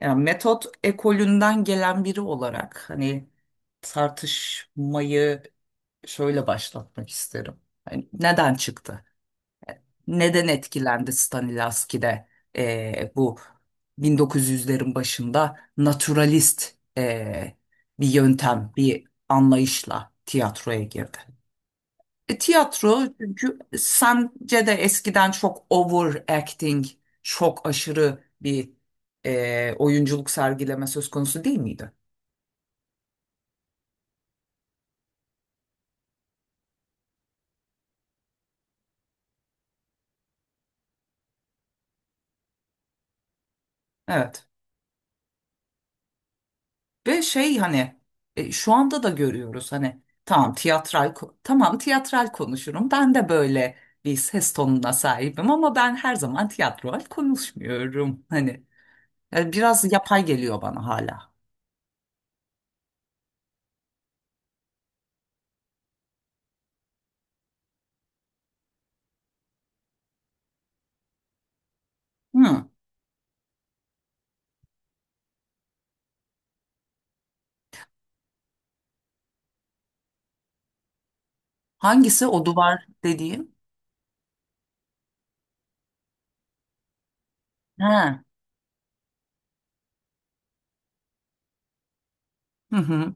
Yani metot ekolünden gelen biri olarak tartışmayı şöyle başlatmak isterim. Hani neden çıktı? Neden etkilendi Stanislavski'de? Bu 1900'lerin başında naturalist, bir yöntem, bir anlayışla tiyatroya girdi. E, tiyatro, çünkü sence de eskiden çok overacting, çok aşırı bir oyunculuk sergileme söz konusu değil miydi? Evet. Ve şu anda da görüyoruz, hani tamam, tamam, tiyatral konuşurum. Ben de böyle bir ses tonuna sahibim ama ben her zaman tiyatral konuşmuyorum. Yani biraz yapay geliyor bana hala. Hı. Hangisi o duvar dediğim? He. Hı hı.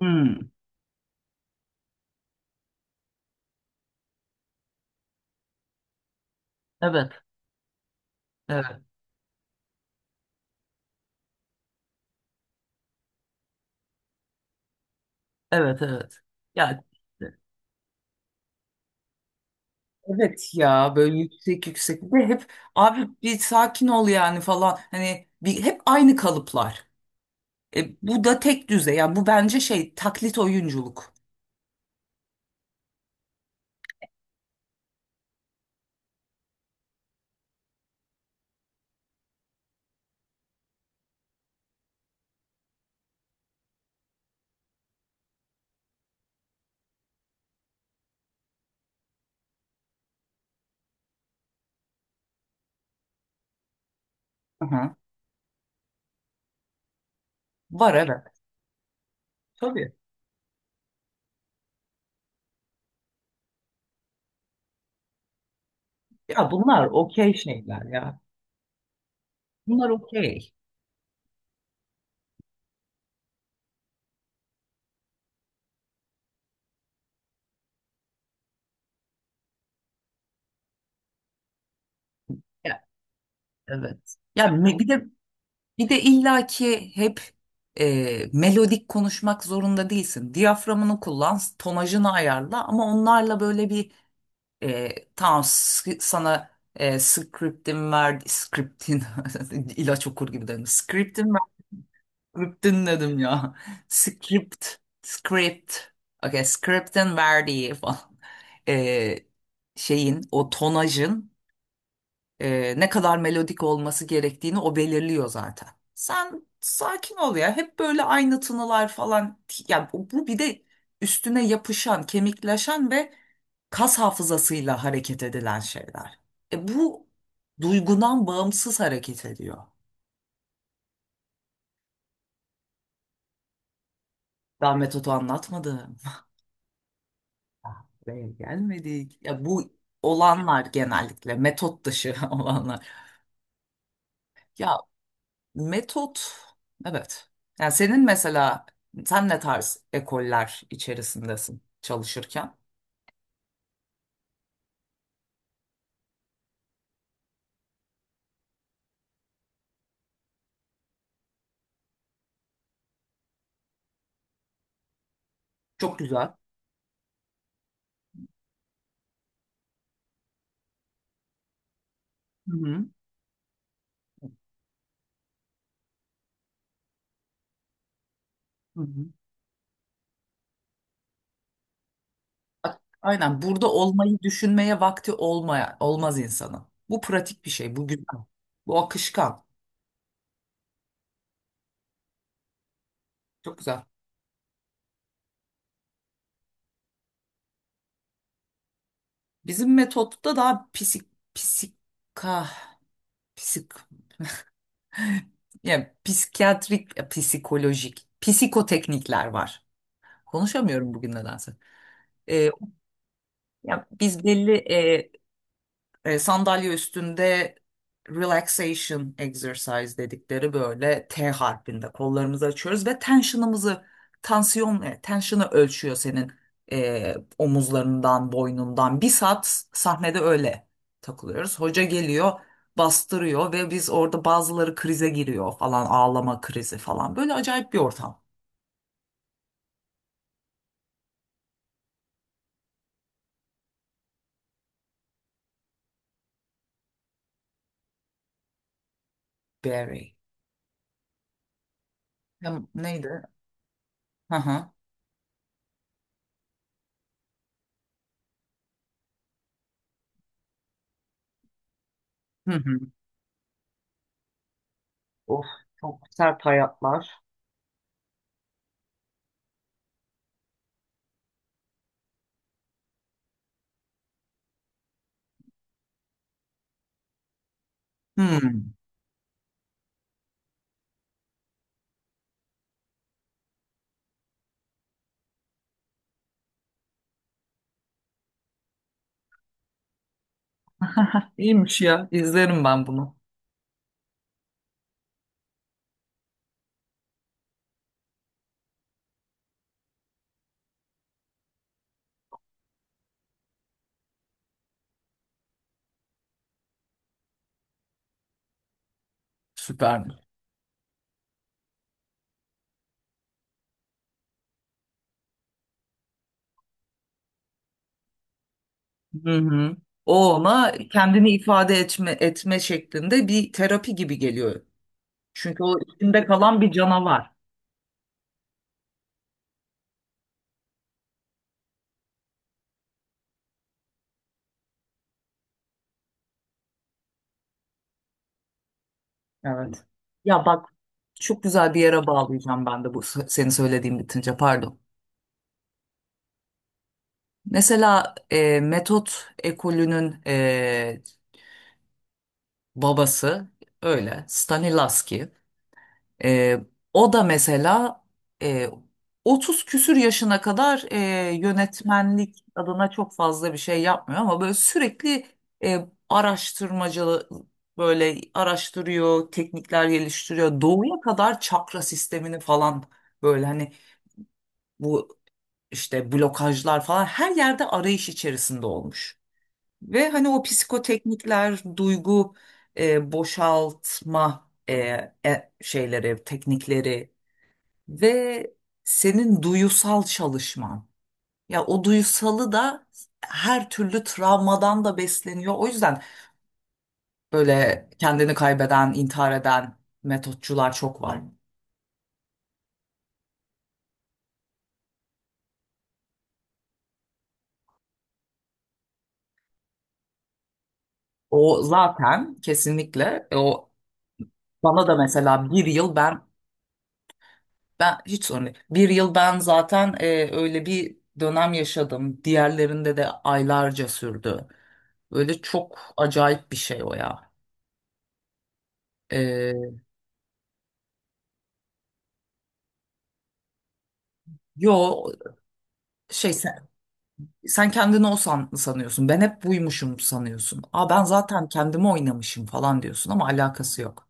Hı. Evet. Evet. Evet, evet. Ya, evet, ya böyle yüksek yüksek, bir de hep abi bir sakin ol yani falan, hani bir hep aynı kalıplar. Bu da tek düze, yani bu bence taklit oyunculuk. Aha. Var, evet. Tabii. Ya bunlar okey şeyler ya. Bunlar okey. Ya, evet. Bir de bir de illaki hep melodik konuşmak zorunda değilsin. Diyaframını kullan, tonajını ayarla, ama onlarla böyle bir... Tamam, sana scriptin verdi, ilaç okur gibi dedim. Scriptin ver, scriptin dedim ya. Script, script. Okay, scriptin verdiği falan. E, Şeyin o tonajın ne kadar melodik olması gerektiğini o belirliyor zaten. Sen sakin ol ya. Hep böyle aynı tınılar falan. Ya, bu bir de üstüne yapışan, kemikleşen ve kas hafızasıyla hareket edilen şeyler. Bu duygudan bağımsız hareket ediyor. Daha metodu anlatmadım. Buraya gelmedik. Ya, bu olanlar genellikle metot dışı olanlar. Ya, metot, evet. Yani senin mesela sen ne tarz ekoller içerisindesin çalışırken? Çok güzel. Hı hı. Hı hı. A- Aynen, burada olmayı düşünmeye vakti olmaya olmaz insanın. Bu pratik bir şey, bu güzel. Bu akışkan. Çok güzel. Bizim metotta daha psika psik psikiyatrik, psikolojik psikoteknikler var. Konuşamıyorum bugün nedense. Ee, Ya biz belli sandalye üstünde relaxation exercise dedikleri böyle T harfinde kollarımızı açıyoruz ve tension'ımızı, tension'ı ölçüyor senin omuzlarından, boynundan. Bir saat sahnede öyle takılıyoruz, hoca geliyor, bastırıyor ve biz orada bazıları krize giriyor falan, ağlama krizi falan, böyle acayip bir ortam. Berry. Ya, neydi? Hı hı. Hı hı. Of, çok sert hayatlar. Hmm. İyiymiş ya. İzlerim ben bunu. Süper. Hı hı. O ona kendini ifade etme şeklinde bir terapi gibi geliyor. Çünkü o içinde kalan bir canavar. Evet. Ya bak, çok güzel bir yere bağlayacağım ben de bu senin söylediğin bitince, pardon. Mesela metot ekolünün babası öyle Stanislavski. Ee, O da mesela e, 30 küsür yaşına kadar yönetmenlik adına çok fazla bir şey yapmıyor, ama böyle sürekli araştırmacı, böyle araştırıyor, teknikler geliştiriyor. Doğuya kadar çakra sistemini falan, böyle hani bu işte blokajlar falan, her yerde arayış içerisinde olmuş. Ve hani o psikoteknikler, duygu boşaltma şeyleri, teknikleri ve senin duyusal çalışman. Ya o duyusalı da her türlü travmadan da besleniyor. O yüzden böyle kendini kaybeden, intihar eden metotçular çok var. O zaten kesinlikle o bana da mesela bir yıl ben, hiç sorun değil. Bir yıl ben zaten öyle bir dönem yaşadım. Diğerlerinde de aylarca sürdü. Öyle çok acayip bir şey o ya. E, yo şey Sen kendini o sanıyorsun. Ben hep buymuşum sanıyorsun. Aa, ben zaten kendimi oynamışım falan diyorsun, ama alakası yok.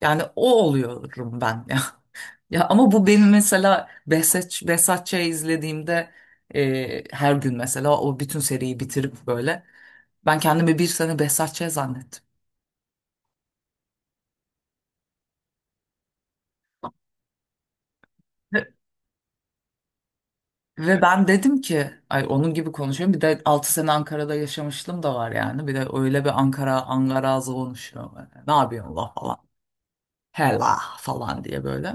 Yani o oluyorum ben ya. Ya ama bu benim mesela Behzat Ç'yi izlediğimde her gün, mesela o bütün seriyi bitirip böyle ben kendimi bir sene Behzat Ç. zannettim. Ve, Ve ben dedim ki, ay onun gibi konuşuyorum. Bir de 6 sene Ankara'da yaşamışlığım da var yani. Bir de öyle bir Ankara Angarazı konuşuyorum böyle. Ne yapıyorsun la falan. Hela falan diye böyle.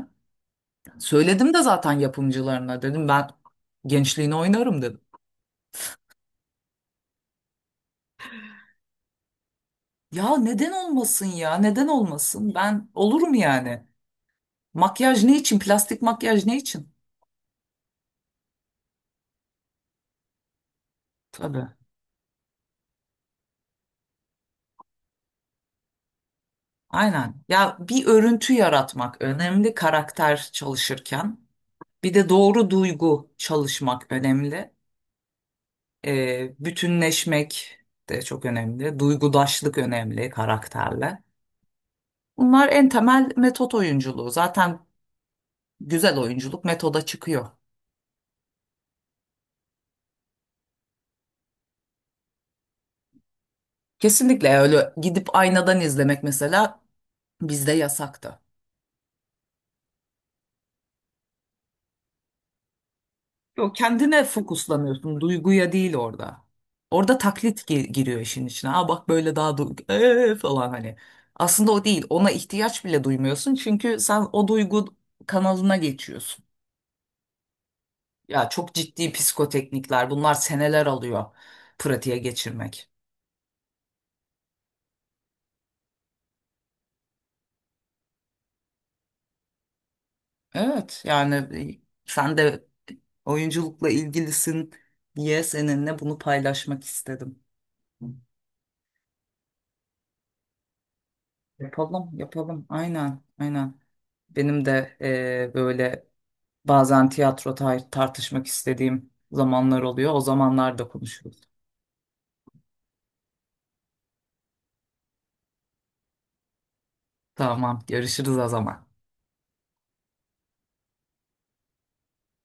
Söyledim de zaten yapımcılarına, dedim ben gençliğini oynarım dedim. Ya neden olmasın, ya neden olmasın ben, olur mu yani? Makyaj ne için, plastik makyaj ne için? Tabii, aynen ya, bir örüntü yaratmak önemli karakter çalışırken, bir de doğru duygu çalışmak önemli. Bütünleşmek de çok önemli, duygudaşlık önemli karakterle. Bunlar en temel metot oyunculuğu zaten, güzel oyunculuk metoda çıkıyor. Kesinlikle öyle. Gidip aynadan izlemek mesela bizde yasaktı. Yok, kendine fokuslanıyorsun, duyguya değil orada. Orada taklit giriyor işin içine. Aa bak, böyle daha duygu falan hani. Aslında o değil. Ona ihtiyaç bile duymuyorsun çünkü sen o duygu kanalına geçiyorsun. Ya çok ciddi psikoteknikler. Bunlar seneler alıyor pratiğe geçirmek. Evet yani, sen de oyunculukla ilgilisin diye seninle bunu paylaşmak istedim. Yapalım, yapalım. Aynen, aynen. Benim de böyle bazen tartışmak istediğim zamanlar oluyor. O zamanlar da konuşuruz. Tamam, görüşürüz o zaman.